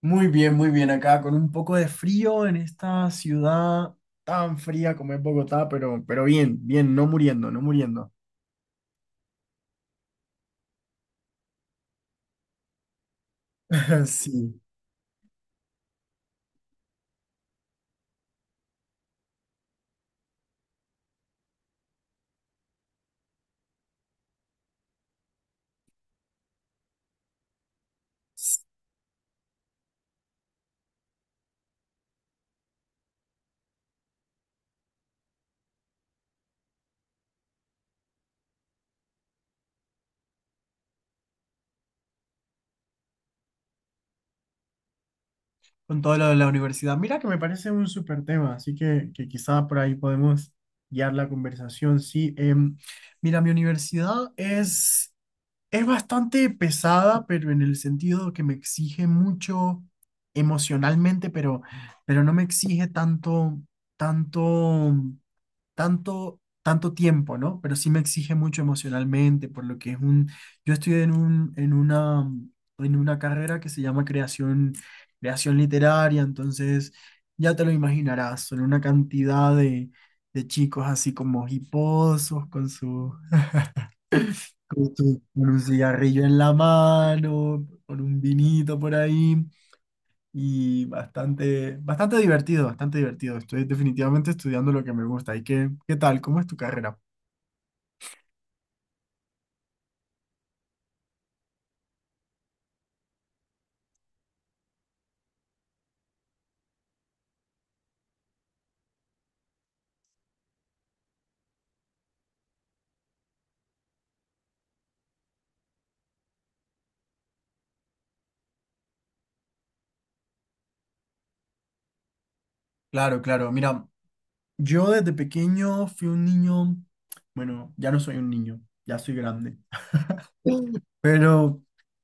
Muy bien acá, con un poco de frío en esta ciudad tan fría como es Bogotá, pero bien, bien, no muriendo, no muriendo. Sí. Con todo lo de la universidad. Mira que me parece un súper tema, así que quizá por ahí podemos guiar la conversación. Sí, mira, mi universidad es bastante pesada, pero en el sentido que me exige mucho emocionalmente, pero no me exige tanto. tanto tiempo, ¿no? Pero sí me exige mucho emocionalmente, por lo que yo estoy en una carrera que se llama creación literaria, entonces ya te lo imaginarás, son una cantidad de chicos así como hiposos, con un cigarrillo en la mano, con un vinito por ahí. Y bastante, bastante divertido, bastante divertido. Estoy definitivamente estudiando lo que me gusta. ¿Y qué tal? ¿Cómo es tu carrera? Claro, claro. Mira, yo desde pequeño fui un niño, bueno, ya no soy un niño, ya soy grande. Pero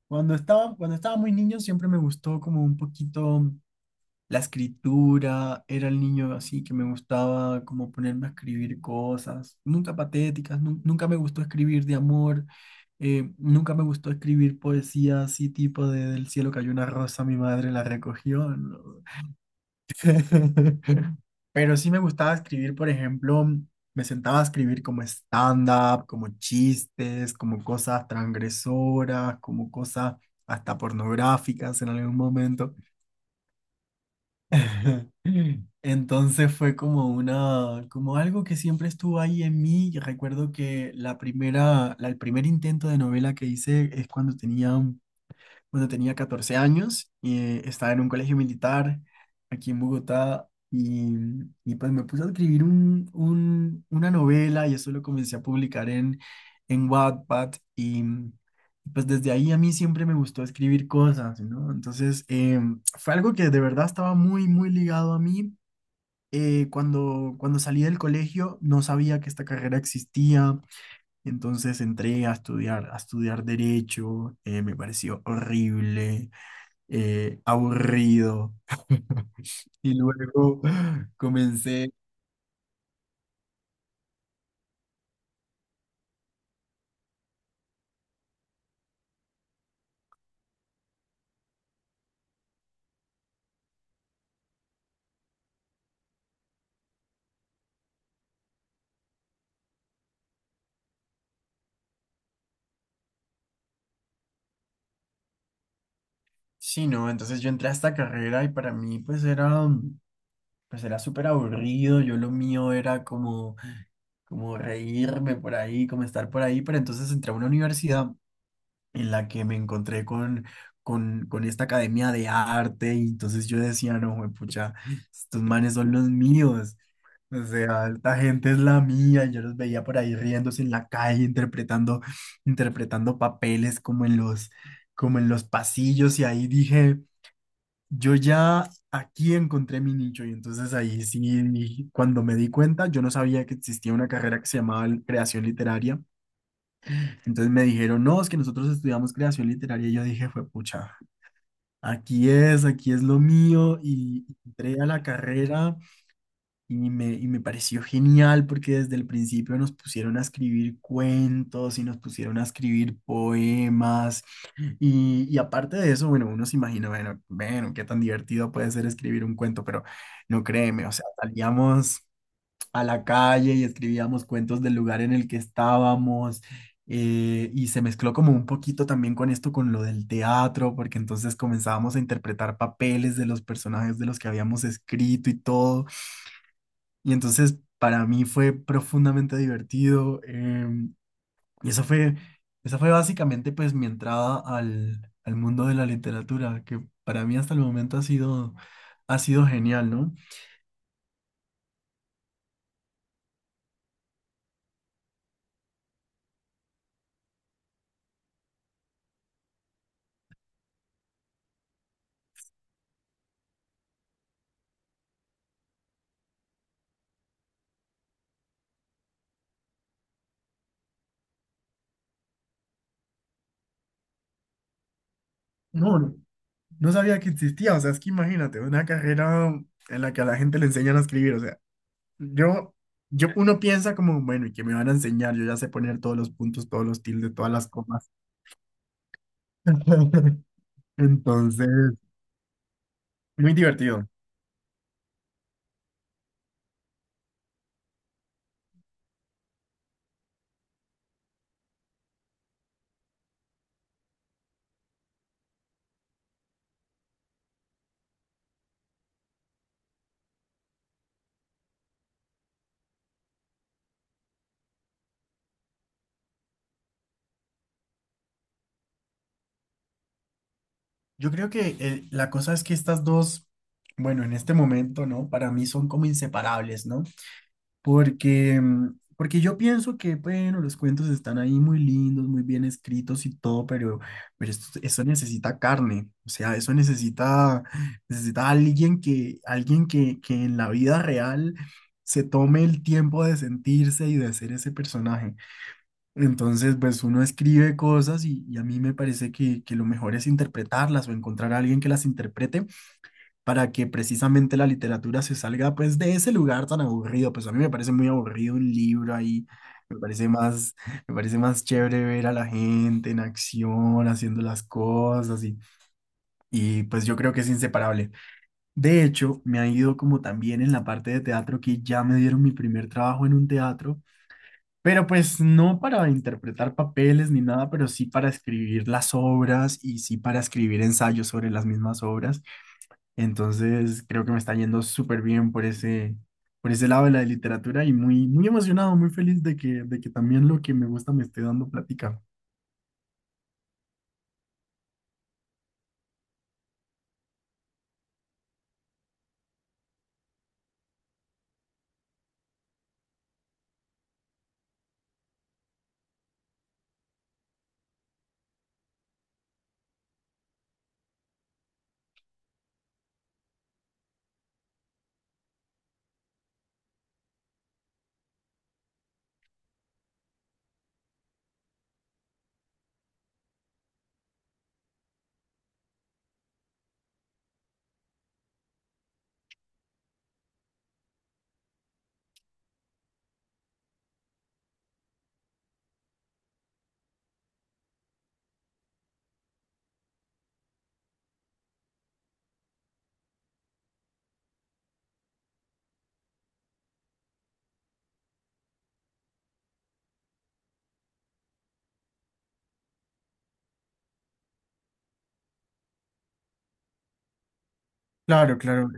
cuando estaba muy niño siempre me gustó como un poquito la escritura, era el niño así que me gustaba como ponerme a escribir cosas, nunca patéticas, nunca me gustó escribir de amor, nunca me gustó escribir poesía así tipo de del cielo cayó una rosa, mi madre la recogió, ¿no? Pero sí me gustaba escribir, por ejemplo, me sentaba a escribir como stand-up, como chistes, como cosas transgresoras, como cosas hasta pornográficas en algún momento. Entonces fue como algo que siempre estuvo ahí en mí. Y recuerdo que el primer intento de novela que hice es cuando tenía 14 años y estaba en un colegio militar aquí en Bogotá y pues me puse a escribir una novela y eso lo comencé a publicar en Wattpad y pues desde ahí a mí siempre me gustó escribir cosas, ¿no? Entonces fue algo que de verdad estaba muy, muy ligado a mí. Cuando salí del colegio no sabía que esta carrera existía. Entonces entré a estudiar derecho, me pareció horrible, aburrido. Y luego comencé, sí, no, entonces yo entré a esta carrera y para mí pues era súper aburrido, yo lo mío era como reírme por ahí, como estar por ahí, pero entonces entré a una universidad en la que me encontré con esta academia de arte y entonces yo decía, no, pucha, estos manes son los míos. O sea, esta gente es la mía. Yo los veía por ahí riéndose en la calle, interpretando papeles como en los pasillos. Y ahí dije, yo ya aquí encontré mi nicho. Y entonces ahí sí, cuando me di cuenta, yo no sabía que existía una carrera que se llamaba creación literaria. Entonces me dijeron, no, es que nosotros estudiamos creación literaria. Y yo dije, fue pucha, aquí es lo mío. Y entré a la carrera. Y me pareció genial porque desde el principio nos pusieron a escribir cuentos y nos pusieron a escribir poemas. Y aparte de eso, bueno, uno se imagina, bueno, bueno, qué tan divertido puede ser escribir un cuento, pero no créeme, o sea, salíamos a la calle y escribíamos cuentos del lugar en el que estábamos. Y se mezcló como un poquito también con esto, con lo del teatro, porque entonces comenzábamos a interpretar papeles de los personajes de los que habíamos escrito y todo. Y entonces para mí fue profundamente divertido. Y eso fue, Esa fue básicamente pues mi entrada al mundo de la literatura, que para mí hasta el momento ha sido genial, ¿no? No, no, no sabía que existía. O sea, es que imagínate, una carrera en la que a la gente le enseñan a escribir. O sea, yo, yo, uno piensa como, bueno, ¿y qué me van a enseñar? Yo ya sé poner todos los puntos, todos los tildes, todas las comas. Entonces, muy divertido. Yo creo que la cosa es que estas dos, bueno, en este momento, ¿no? Para mí son como inseparables, ¿no? Porque yo pienso que, bueno, los cuentos están ahí muy lindos, muy bien escritos y todo, pero eso necesita carne, o sea, eso necesita alguien que en la vida real se tome el tiempo de sentirse y de ser ese personaje. Entonces, pues uno escribe cosas y a mí me parece que lo mejor es interpretarlas o encontrar a alguien que las interprete para que precisamente la literatura se salga pues de ese lugar tan aburrido. Pues a mí me parece muy aburrido un libro ahí, me parece más, me parece más chévere ver a la gente en acción, haciendo las cosas y pues yo creo que es inseparable. De hecho, me ha ido como también en la parte de teatro que ya me dieron mi primer trabajo en un teatro pero pues no para interpretar papeles ni nada, pero sí para escribir las obras y sí para escribir ensayos sobre las mismas obras. Entonces creo que me está yendo súper bien por ese lado de la literatura y muy, muy emocionado, muy feliz de que también lo que me gusta me esté dando plática. Claro, claro.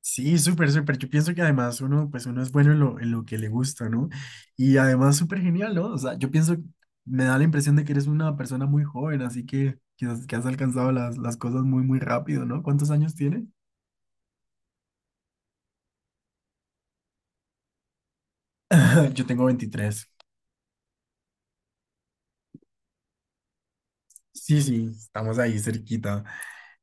Sí, súper, súper. Yo pienso que además uno es bueno en lo que le gusta, ¿no? Y además súper genial, ¿no? O sea, yo pienso, me da la impresión de que eres una persona muy joven, así que quizás que has alcanzado las cosas muy, muy rápido, ¿no? ¿Cuántos años tienes? Yo tengo 23. Sí, sí, estamos ahí cerquita.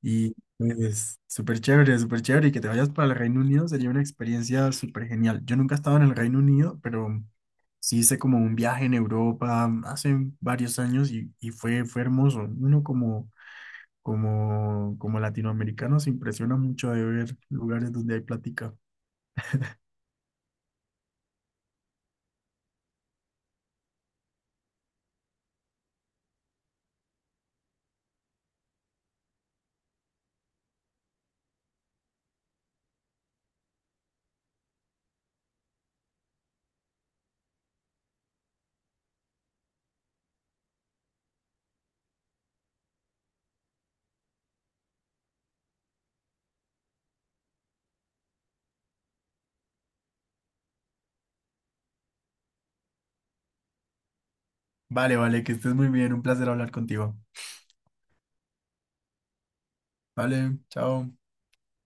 Y pues súper chévere, súper chévere. Y que te vayas para el Reino Unido sería una experiencia súper genial. Yo nunca he estado en el Reino Unido, pero sí, hice como un viaje en Europa hace varios años y fue hermoso. Uno como latinoamericano se impresiona mucho de ver lugares donde hay plática. Vale, vale, que estés muy bien. Un placer hablar contigo. Vale, chao.